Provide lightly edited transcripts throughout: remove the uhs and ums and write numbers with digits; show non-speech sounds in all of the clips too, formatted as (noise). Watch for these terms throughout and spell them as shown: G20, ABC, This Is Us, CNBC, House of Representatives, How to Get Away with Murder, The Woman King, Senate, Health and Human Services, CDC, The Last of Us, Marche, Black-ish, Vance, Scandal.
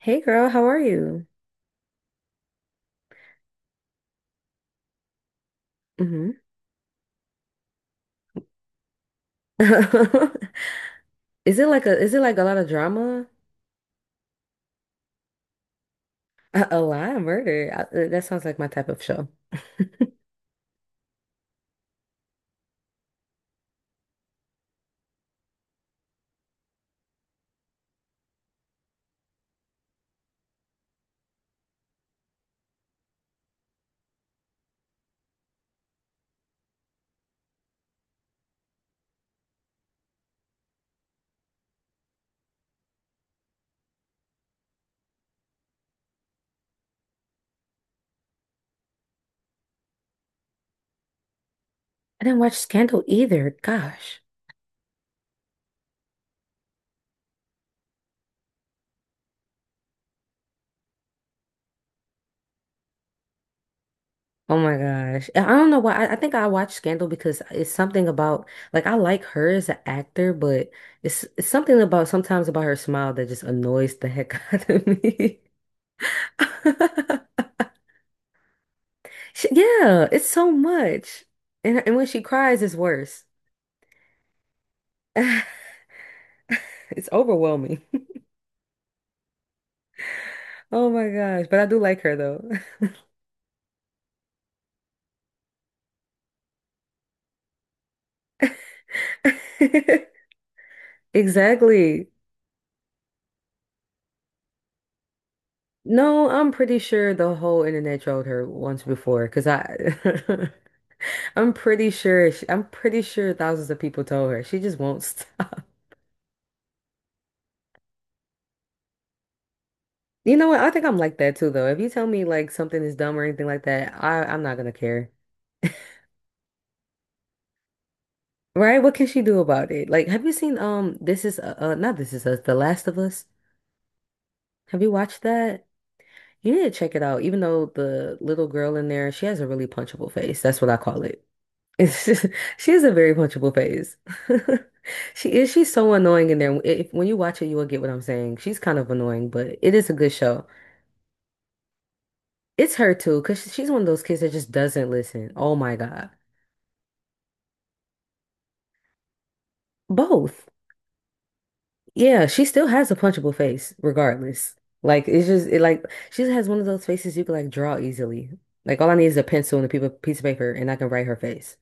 Hey girl, how are you? Hmm. (laughs) Is it like a lot of drama? A lot of murder. That sounds like my type of show. (laughs) I didn't watch Scandal either. Gosh. Oh my gosh. I don't know why. I think I watched Scandal because it's something about like I like her as an actor, but it's something about sometimes about her smile that just annoys the heck (laughs) out of me. (laughs) She- yeah, it's so much. And when she cries, it's worse. (laughs) It's overwhelming. Oh my gosh, but I do like her though. (laughs) Exactly. No, I'm pretty sure the whole internet trolled her once before because I (laughs) I'm pretty sure she, I'm pretty sure thousands of people told her. She just won't stop. (laughs) You know what? I think I'm like that too though. If you tell me like something is dumb or anything like that, I'm not gonna care. Right? What can she do about it? Like, have you seen This Is not This Is Us, The Last of Us? Have you watched that? You need to check it out. Even though the little girl in there, she has a really punchable face. That's what I call it. It's just, (laughs) she has a very punchable face. (laughs) She is. She's so annoying in there. If, when you watch it, you will get what I'm saying. She's kind of annoying, but it is a good show. It's her too, because she's one of those kids that just doesn't listen. Oh my God. Both. Yeah, she still has a punchable face, regardless. Like it's just it like she just has one of those faces you can like draw easily. Like all I need is a pencil and a piece of paper, and I can write her face.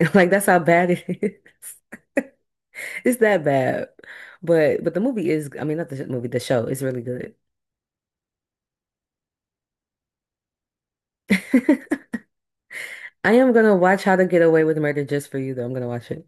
(laughs) Like that's how bad it is. (laughs) It's that bad. But the movie is, I mean, not the movie, the show is really good. (laughs) I am gonna watch How to Get Away with Murder just for you, though. I'm gonna watch it.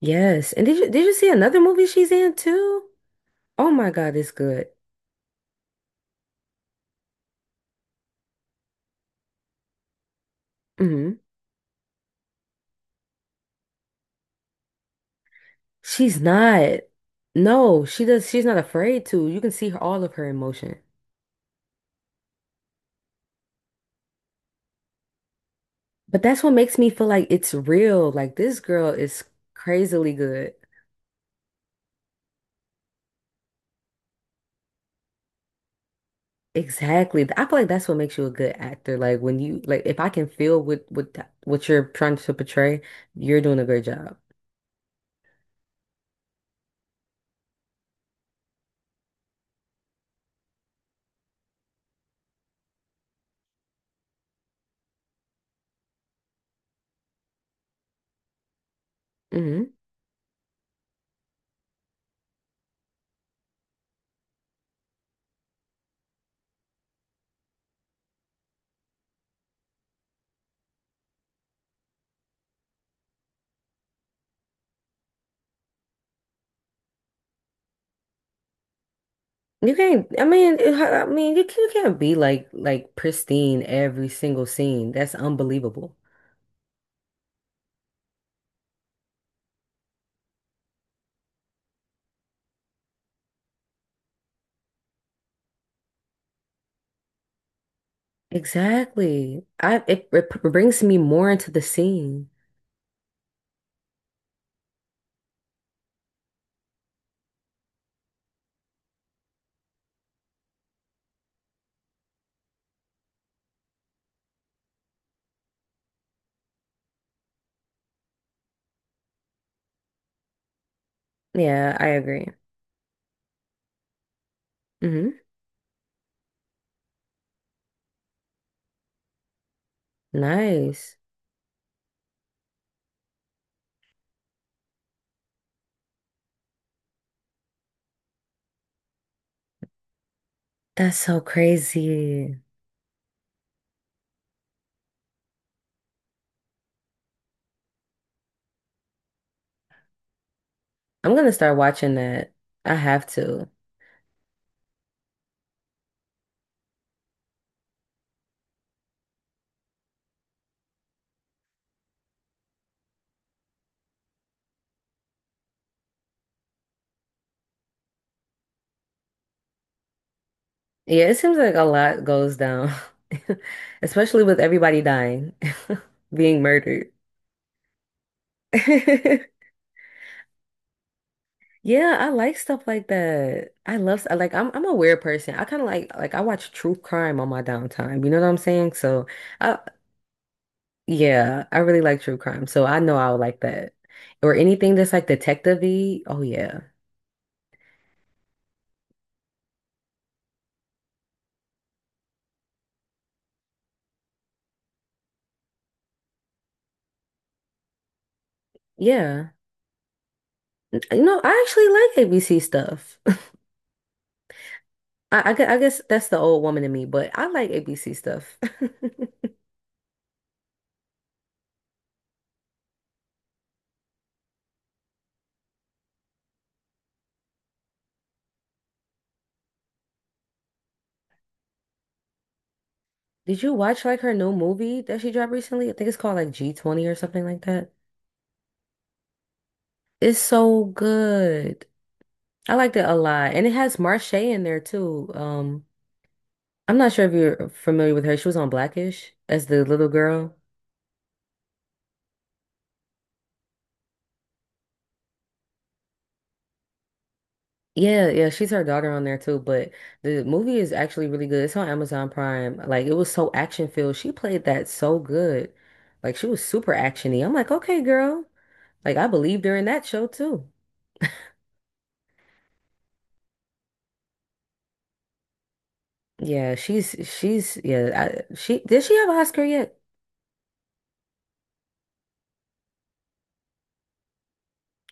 Yes. And did you see another movie she's in too? Oh my God, it's good. Hmm. She's not. No, she does. She's not afraid to. You can see her, all of her emotion. But that's what makes me feel like it's real. Like this girl is crazily good. Exactly. I feel like that's what makes you a good actor. Like when you like if I can feel what what you're trying to portray, you're doing a great job. Hmm. You can't. I mean, I mean, you can't be like pristine every single scene. That's unbelievable. Exactly. I it, brings me more into the scene. Yeah, I agree. Hmm. Nice. That's so crazy. I'm gonna start watching that. I have to. Yeah, it seems like a lot goes down, (laughs) especially with everybody dying, (laughs) being murdered. (laughs) Yeah, I like stuff like that. I love like I'm a weird person. I kind of like I watch true crime on my downtime. You know what I'm saying? So. I yeah, I really like true crime, so I know I would like that. Or anything that's like detective-y. Oh yeah. Yeah. You know, I actually like ABC stuff. (laughs) I guess that's the old woman in me, but I like ABC stuff. (laughs) Did you watch like her new movie that she dropped recently? I think it's called like G20 or something like that. It's so good. I liked it a lot. And it has Marche in there too. I'm not sure if you're familiar with her. She was on Blackish as the little girl. Yeah, yeah, she's her daughter on there too, but the movie is actually really good. It's on Amazon Prime. Like it was so action filled. She played that so good. Like she was super actiony. I'm like, okay, girl. Like I believed her in that show too. Yeah, she's yeah, I, she did she have an Oscar yet?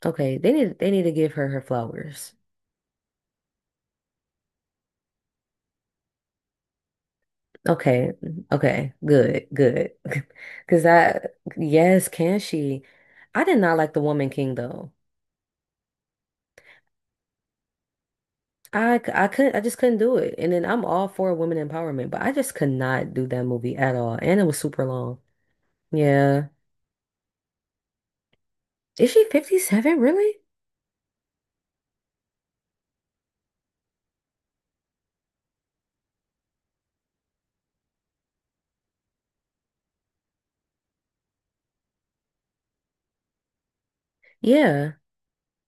Okay, they need to give her her flowers. Okay. Okay. Good. Good. (laughs) Because I yes, can she? I did not like The Woman King though. I couldn't I just couldn't do it. And then I'm all for women empowerment, but I just could not do that movie at all. And it was super long. Yeah. Is she 57 really? Yeah.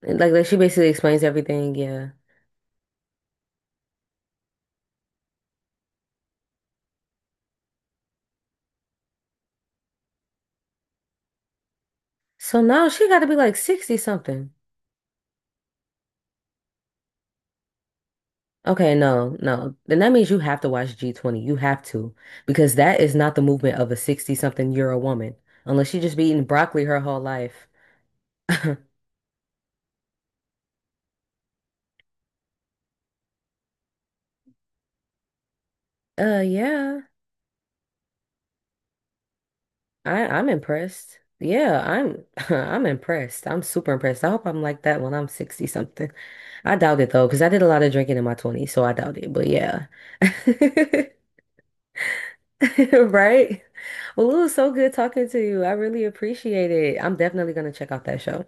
And, like she basically explains everything, yeah. So now she got to be like 60 something. Okay, no, no. Then that means you have to watch G20. You have to because that is not the movement of a 60 something year old woman unless she just be eating broccoli her whole life. (laughs) Yeah. I'm impressed. Yeah, I'm (laughs) I'm impressed. I'm super impressed. I hope I'm like that when I'm 60 something. I doubt it though, because I did a lot of drinking in my 20s, so I doubt it. But yeah. (laughs) Right? Well, it was so good talking to you. I really appreciate it. I'm definitely gonna check out that show.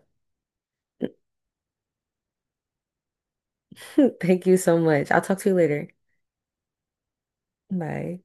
(laughs) Thank you so much. I'll talk to you later. Bye.